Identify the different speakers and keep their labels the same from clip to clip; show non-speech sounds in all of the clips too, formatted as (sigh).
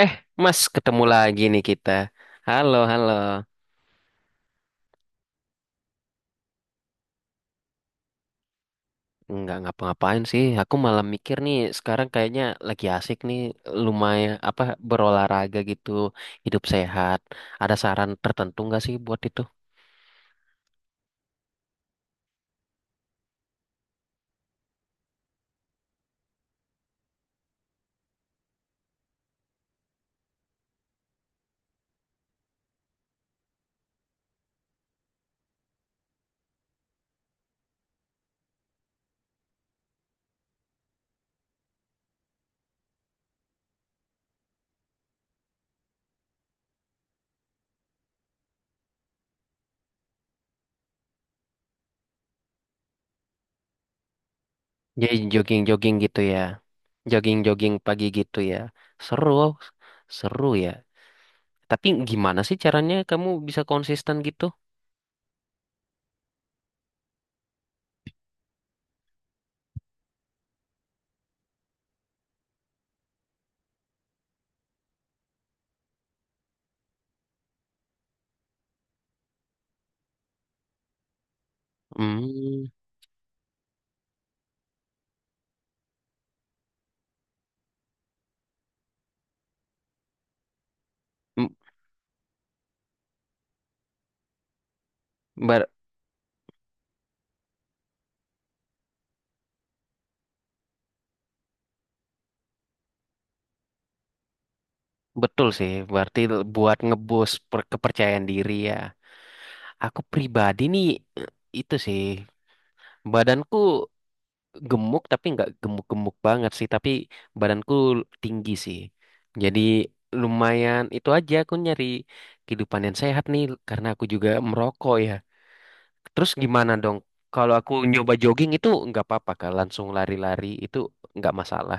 Speaker 1: Eh, Mas, ketemu lagi nih kita. Halo, halo. Nggak ngapa-ngapain sih. Aku malah mikir nih, sekarang kayaknya lagi asik nih, lumayan apa berolahraga gitu, hidup sehat. Ada saran tertentu nggak sih buat itu? Jadi jogging-jogging gitu ya. Jogging-jogging pagi gitu ya. Seru, seru ya. Tapi gimana sih caranya kamu bisa konsisten gitu? Hmm. m- bar- Betul sih. Berarti buat ngeboost kepercayaan diri ya. Aku pribadi nih, eh, itu sih badanku gemuk tapi nggak gemuk-gemuk banget sih, tapi badanku tinggi sih. Jadi lumayan itu aja aku nyari kehidupan yang sehat nih karena aku juga merokok ya. Terus gimana dong? Kalau aku nyoba jogging itu nggak apa-apa kah? Langsung lari-lari itu nggak masalah.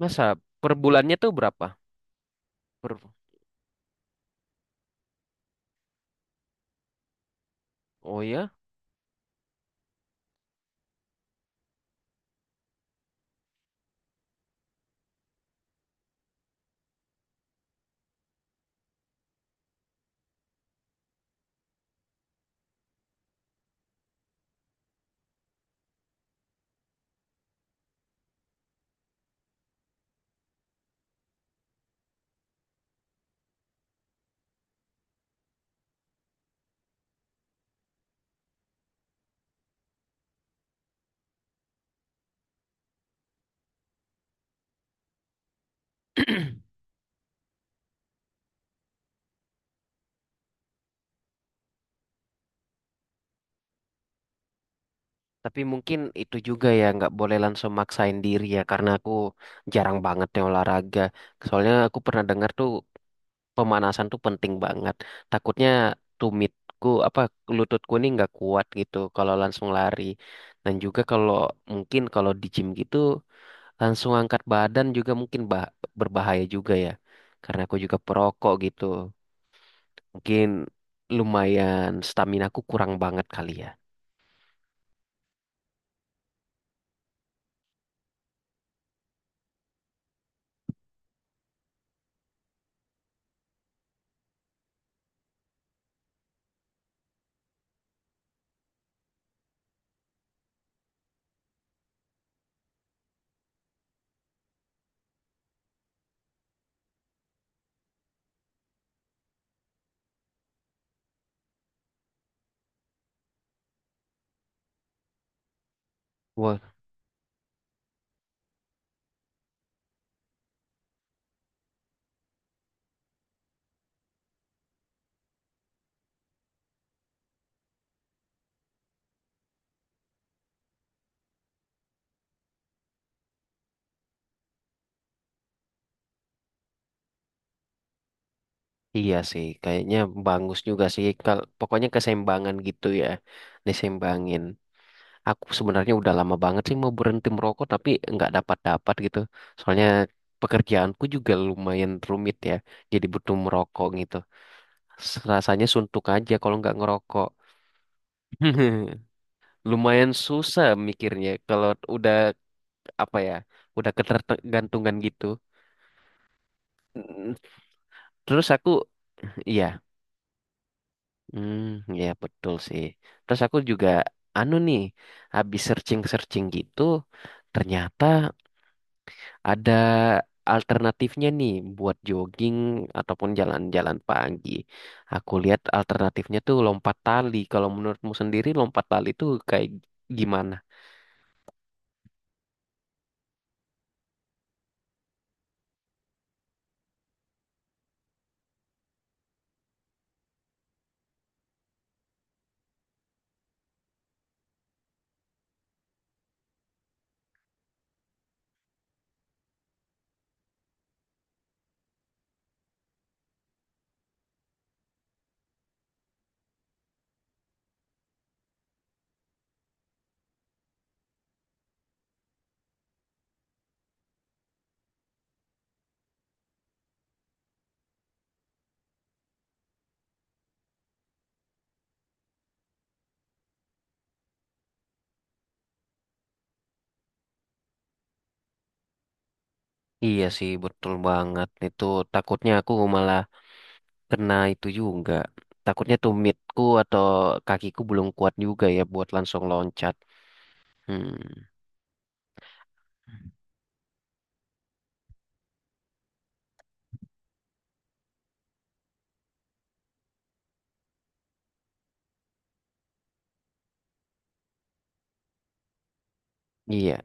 Speaker 1: Masa per bulannya tuh berapa? Per... Oh ya? Tapi mungkin itu juga ya nggak boleh langsung maksain diri ya, karena aku jarang banget ya olahraga. Soalnya aku pernah dengar tuh pemanasan tuh penting banget. Takutnya tumitku apa lututku nih nggak kuat gitu kalau langsung lari. Dan juga kalau mungkin kalau di gym gitu langsung angkat badan juga mungkin berbahaya juga ya. Karena aku juga perokok gitu. Mungkin lumayan stamina aku kurang banget kali ya. Iya sih, kayaknya bagus juga sih. Kalau pokoknya keseimbangan gitu ya, diseimbangin. Aku sebenarnya udah lama banget sih mau berhenti merokok, tapi nggak dapat-dapat gitu. Soalnya pekerjaanku juga lumayan rumit ya, jadi butuh merokok gitu. Rasanya suntuk aja kalau nggak ngerokok. (laughs) Lumayan susah mikirnya kalau udah apa ya, udah ketergantungan gitu. Mm. Terus aku, iya. Hmm, ya betul sih. Terus aku juga anu nih, habis searching-searching gitu, ternyata ada alternatifnya nih buat jogging ataupun jalan-jalan pagi. Aku lihat alternatifnya tuh lompat tali. Kalau menurutmu sendiri lompat tali tuh kayak gimana? Iya sih, betul banget. Itu takutnya aku malah kena itu juga. Takutnya tumitku atau kakiku belum kuat juga ya buat langsung loncat. Hmm. Iya,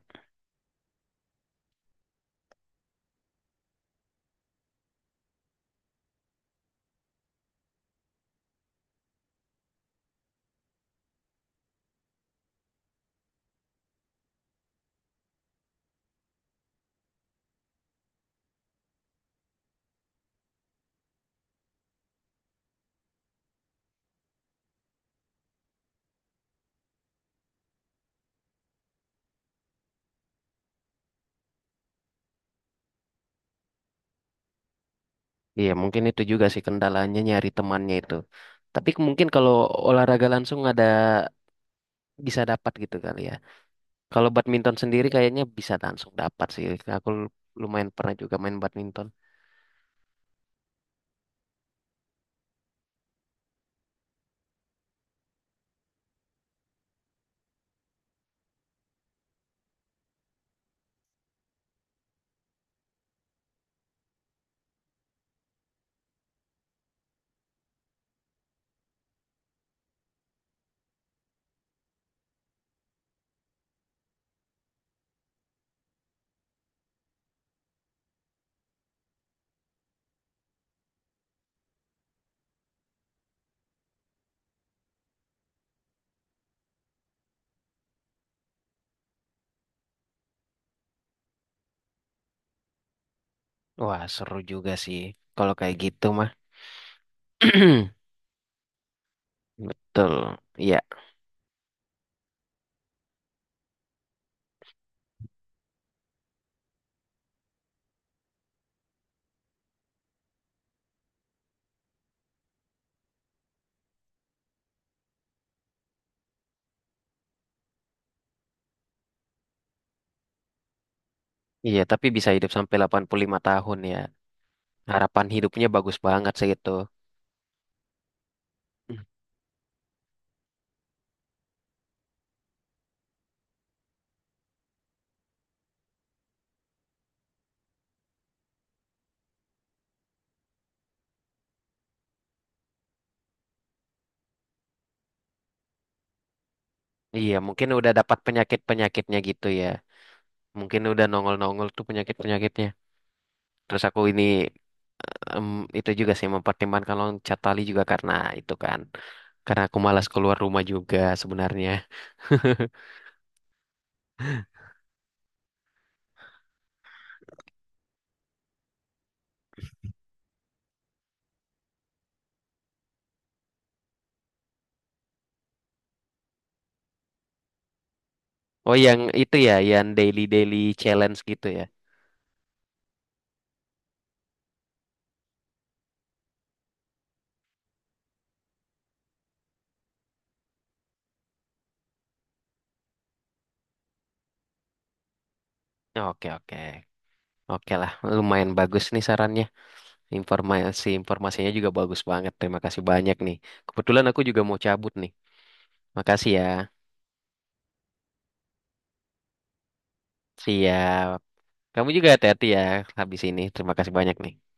Speaker 1: iya, mungkin itu juga sih kendalanya nyari temannya itu. Tapi mungkin kalau olahraga langsung ada bisa dapat gitu kali ya. Kalau badminton sendiri kayaknya bisa langsung dapat sih. Aku lu- Lumayan pernah juga main badminton. Wah, seru juga sih kalau kayak gitu mah. (clears throat) Betul. Iya, iya, tapi bisa hidup sampai 85 tahun ya. Harapan hidupnya bagus banget sih itu. Hmm. Iya, mungkin udah dapat penyakit-penyakitnya gitu ya. Mungkin udah nongol-nongol tuh penyakit-penyakitnya. Terus aku ini, Em, itu juga sih mempertimbangkan loncat tali juga karena itu kan. Karena aku malas keluar rumah juga sebenarnya. (laughs) Oh yang itu ya, yang daily daily challenge gitu ya. Oke, oke. Oke lah, lumayan bagus nih sarannya. Informasinya juga bagus banget. Terima kasih banyak nih. Kebetulan aku juga mau cabut nih. Makasih ya. Siap. Kamu juga hati-hati ya habis ini. Terima kasih banyak nih.